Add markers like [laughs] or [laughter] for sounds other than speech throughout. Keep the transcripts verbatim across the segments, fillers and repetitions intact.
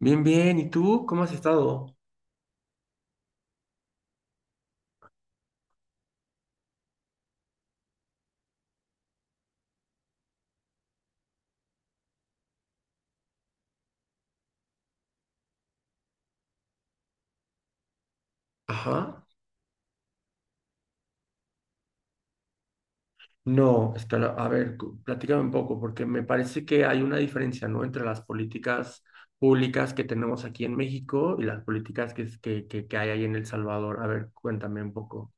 Bien, bien. ¿Y tú cómo has estado? Ajá. No, espera, a ver, cu- platícame un poco, porque me parece que hay una diferencia, ¿no? Entre las políticas públicas que tenemos aquí en México y las políticas que, es- que, que, que hay ahí en El Salvador. A ver, cuéntame un poco.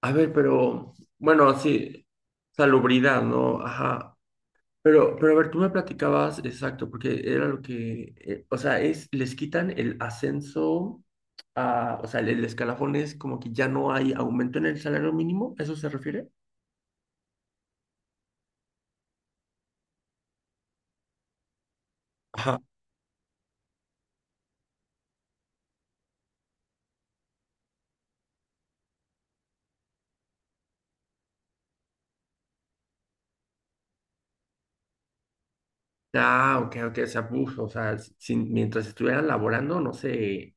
A ver, pero, bueno, sí, salubridad, ¿no? Ajá. Pero, pero a ver, tú me platicabas, exacto, porque era lo que, eh, o sea, es, les quitan el ascenso a, o sea, el, el escalafón es como que ya no hay aumento en el salario mínimo, ¿a eso se refiere? Ajá. Ah, ok, ok, o sea, uf, o sea, sin- mientras estuvieran laborando, no sé,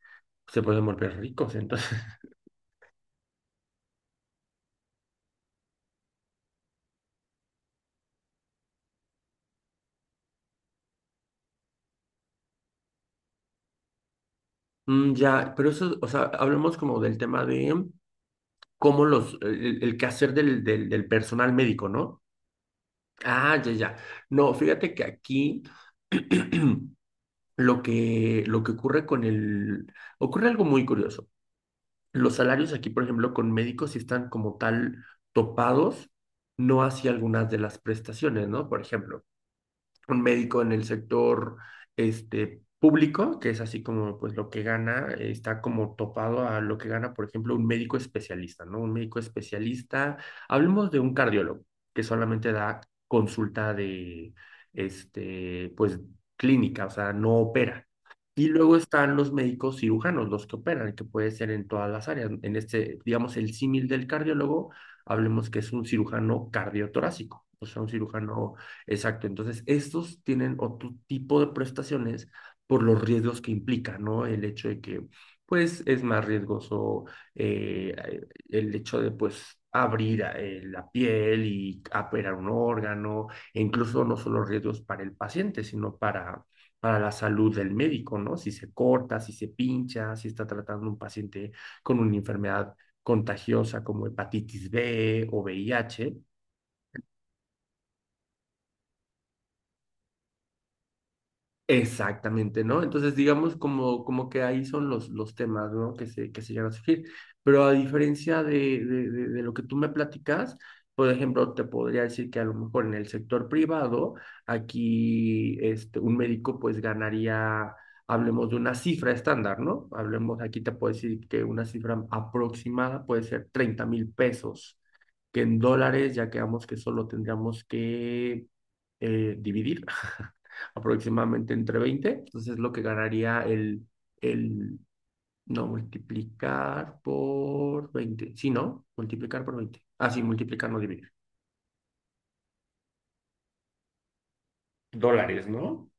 se pueden volver ricos, entonces. [laughs] Mm, ya, pero eso, o sea, hablemos como del tema de cómo los, el, el quehacer del, del, del personal médico, ¿no? Ah, ya, ya. No, fíjate que aquí [clears throat] lo que, lo que ocurre con el... Ocurre algo muy curioso. Los salarios aquí, por ejemplo, con médicos sí están como tal topados, no hacia algunas de las prestaciones, ¿no? Por ejemplo, un médico en el sector este, público, que es así como pues lo que gana, eh, está como topado a lo que gana, por ejemplo, un médico especialista, ¿no? Un médico especialista, hablemos de un cardiólogo que solamente da consulta de, este, pues clínica, o sea, no opera. Y luego están los médicos cirujanos, los que operan, que puede ser en todas las áreas. En este, digamos, el símil del cardiólogo, hablemos que es un cirujano cardiotorácico, o sea, un cirujano Exacto, entonces estos tienen otro tipo de prestaciones por los riesgos que implica, ¿no? El hecho de que, pues, es más riesgoso eh, el hecho de, pues, abrir eh, la piel y operar un órgano, e incluso no solo riesgos para el paciente, sino para, para la salud del médico, ¿no? Si se corta, si se pincha, si está tratando un paciente con una enfermedad contagiosa como hepatitis B o V I H, Exactamente, ¿no? Entonces, digamos como, como que ahí son los, los temas, ¿no? Que se, que se llegan a surgir. Pero a diferencia de, de, de, de lo que tú me platicas, por ejemplo, te podría decir que a lo mejor en el sector privado, aquí este, un médico pues ganaría, hablemos de una cifra estándar, ¿no? Hablemos, aquí te puedo decir que una cifra aproximada puede ser treinta mil pesos, que en dólares ya quedamos que solo tendríamos que eh, dividir. [laughs] Aproximadamente entre veinte Entonces, lo que ganaría el, el, no, multiplicar por veinte Sí, ¿no? Multiplicar por veinte Ah, sí, multiplicar, no dividir. Dólares, ¿no?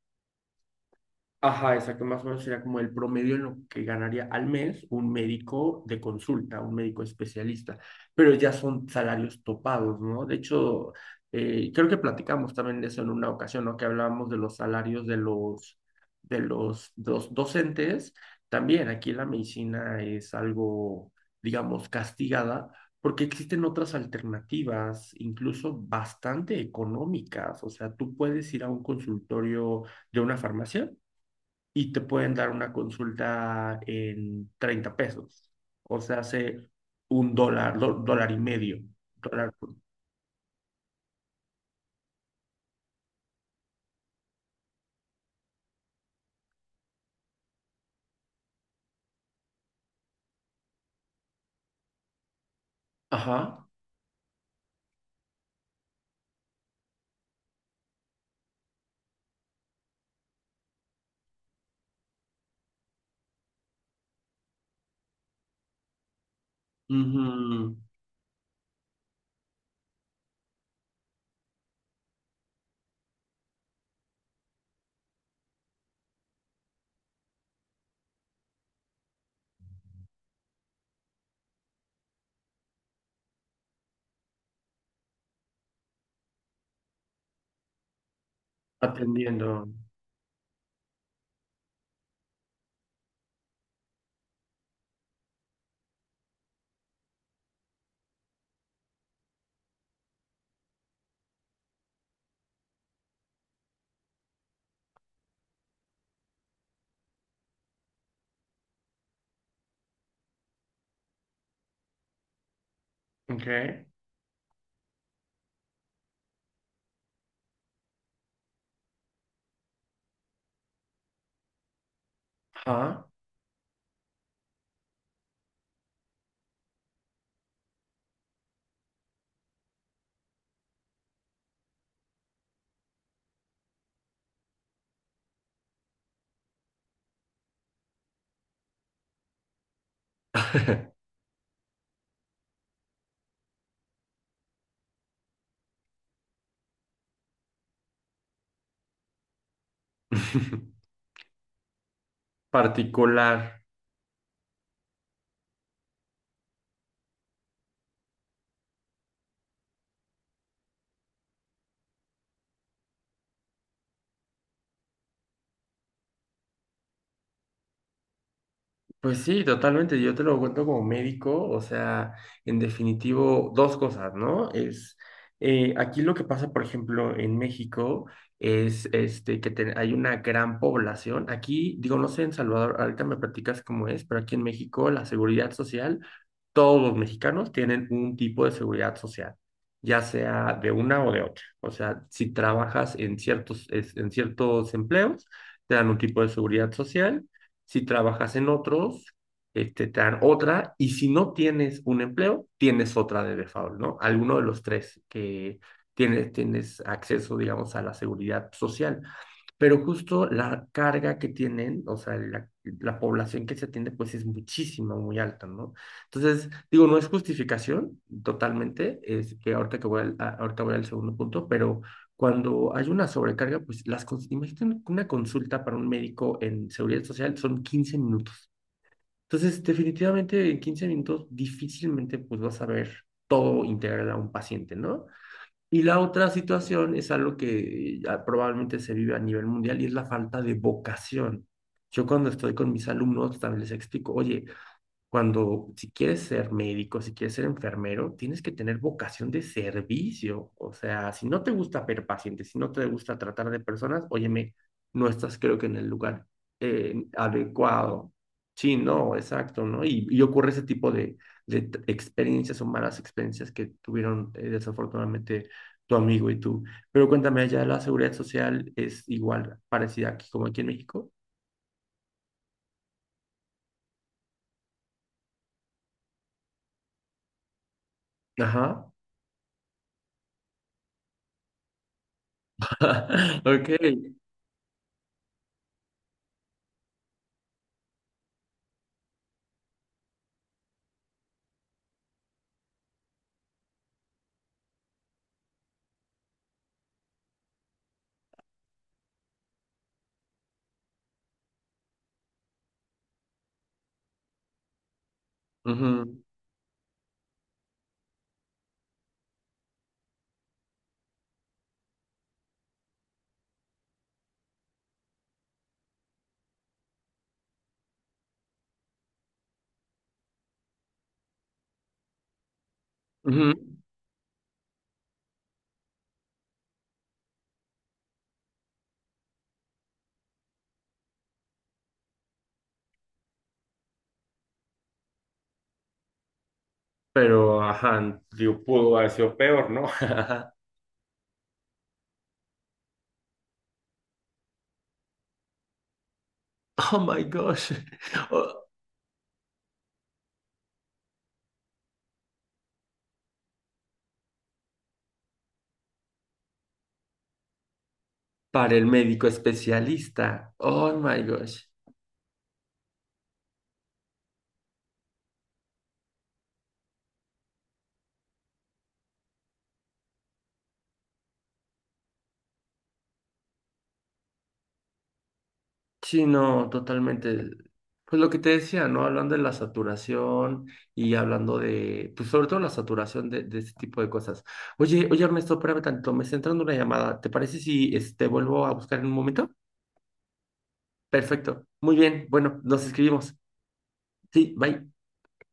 Ajá, exacto, más o menos sería como el promedio en lo que ganaría al mes un médico de consulta, un médico especialista, pero ya son salarios topados, ¿no? De hecho, eh, creo que platicamos también de eso en una ocasión, ¿no? Que hablábamos de los salarios de los, de los, dos docentes. También aquí la medicina es algo, digamos, castigada porque existen otras alternativas, incluso bastante económicas. O sea, tú puedes ir a un consultorio de una farmacia y te pueden dar una consulta en treinta pesos. O sea, hace un dólar, do- dólar y medio. Dólar. Ajá. Ujú. Atendiendo. Ok. Ajá. [laughs] Particular. Pues sí, totalmente. Yo te lo cuento como médico, o sea, en definitivo, dos cosas, ¿no? Es eh, aquí lo que pasa, por ejemplo, en México es este que te- hay una gran población. Aquí, digo, no sé en Salvador, ahorita me platicas cómo es, pero aquí en México la seguridad social, todos los mexicanos tienen un tipo de seguridad social, ya sea de una o de otra. O sea, si trabajas en ciertos, es- en ciertos empleos, te dan un tipo de seguridad social. Si trabajas en otros, este, te dan otra, y si no tienes un empleo, tienes otra de default, ¿no? Alguno de los tres que tienes, tienes acceso, digamos, a la seguridad social. Pero justo la carga que tienen, o sea, la, la población que se atiende, pues es muchísima, muy alta, ¿no? Entonces, digo, no es justificación totalmente, es que ahorita, que voy al, a- ahorita voy al segundo punto, pero cuando hay una sobrecarga, pues las cons- imagínate una consulta para un médico en seguridad social son quince minutos. Entonces, definitivamente en quince minutos difícilmente pues vas a ver todo integral a un paciente, ¿no? Y la otra situación es algo que ya probablemente se vive a nivel mundial y es la falta de vocación. Yo cuando estoy con mis alumnos también les explico, oye, cuando, si quieres ser médico, si quieres ser enfermero, tienes que tener vocación de servicio. O sea, si no te gusta ver pacientes, si no te gusta tratar de personas, óyeme, no estás creo que en el lugar eh, adecuado. Sí, no, exacto, ¿no? Y, y ocurre ese tipo de, de t- experiencias o malas experiencias que tuvieron eh, desafortunadamente tu amigo y tú. Pero cuéntame, allá la seguridad social es igual, parecida aquí como aquí en México. Ajá. [laughs] Ok. Ujú, ujú. Pero ajá, yo pudo haber sido peor, ¿no? [laughs] Oh my gosh. Oh, para el médico especialista. Oh my gosh. Sí, no, totalmente. Pues lo que te decía, ¿no? Hablando de la saturación y hablando de, pues sobre todo la saturación de, de este tipo de cosas. Oye, oye Ernesto, espérame tanto, me está entrando una llamada. ¿Te parece si este, vuelvo a buscar en un momento? Perfecto. Muy bien. Bueno, nos escribimos. Sí, bye.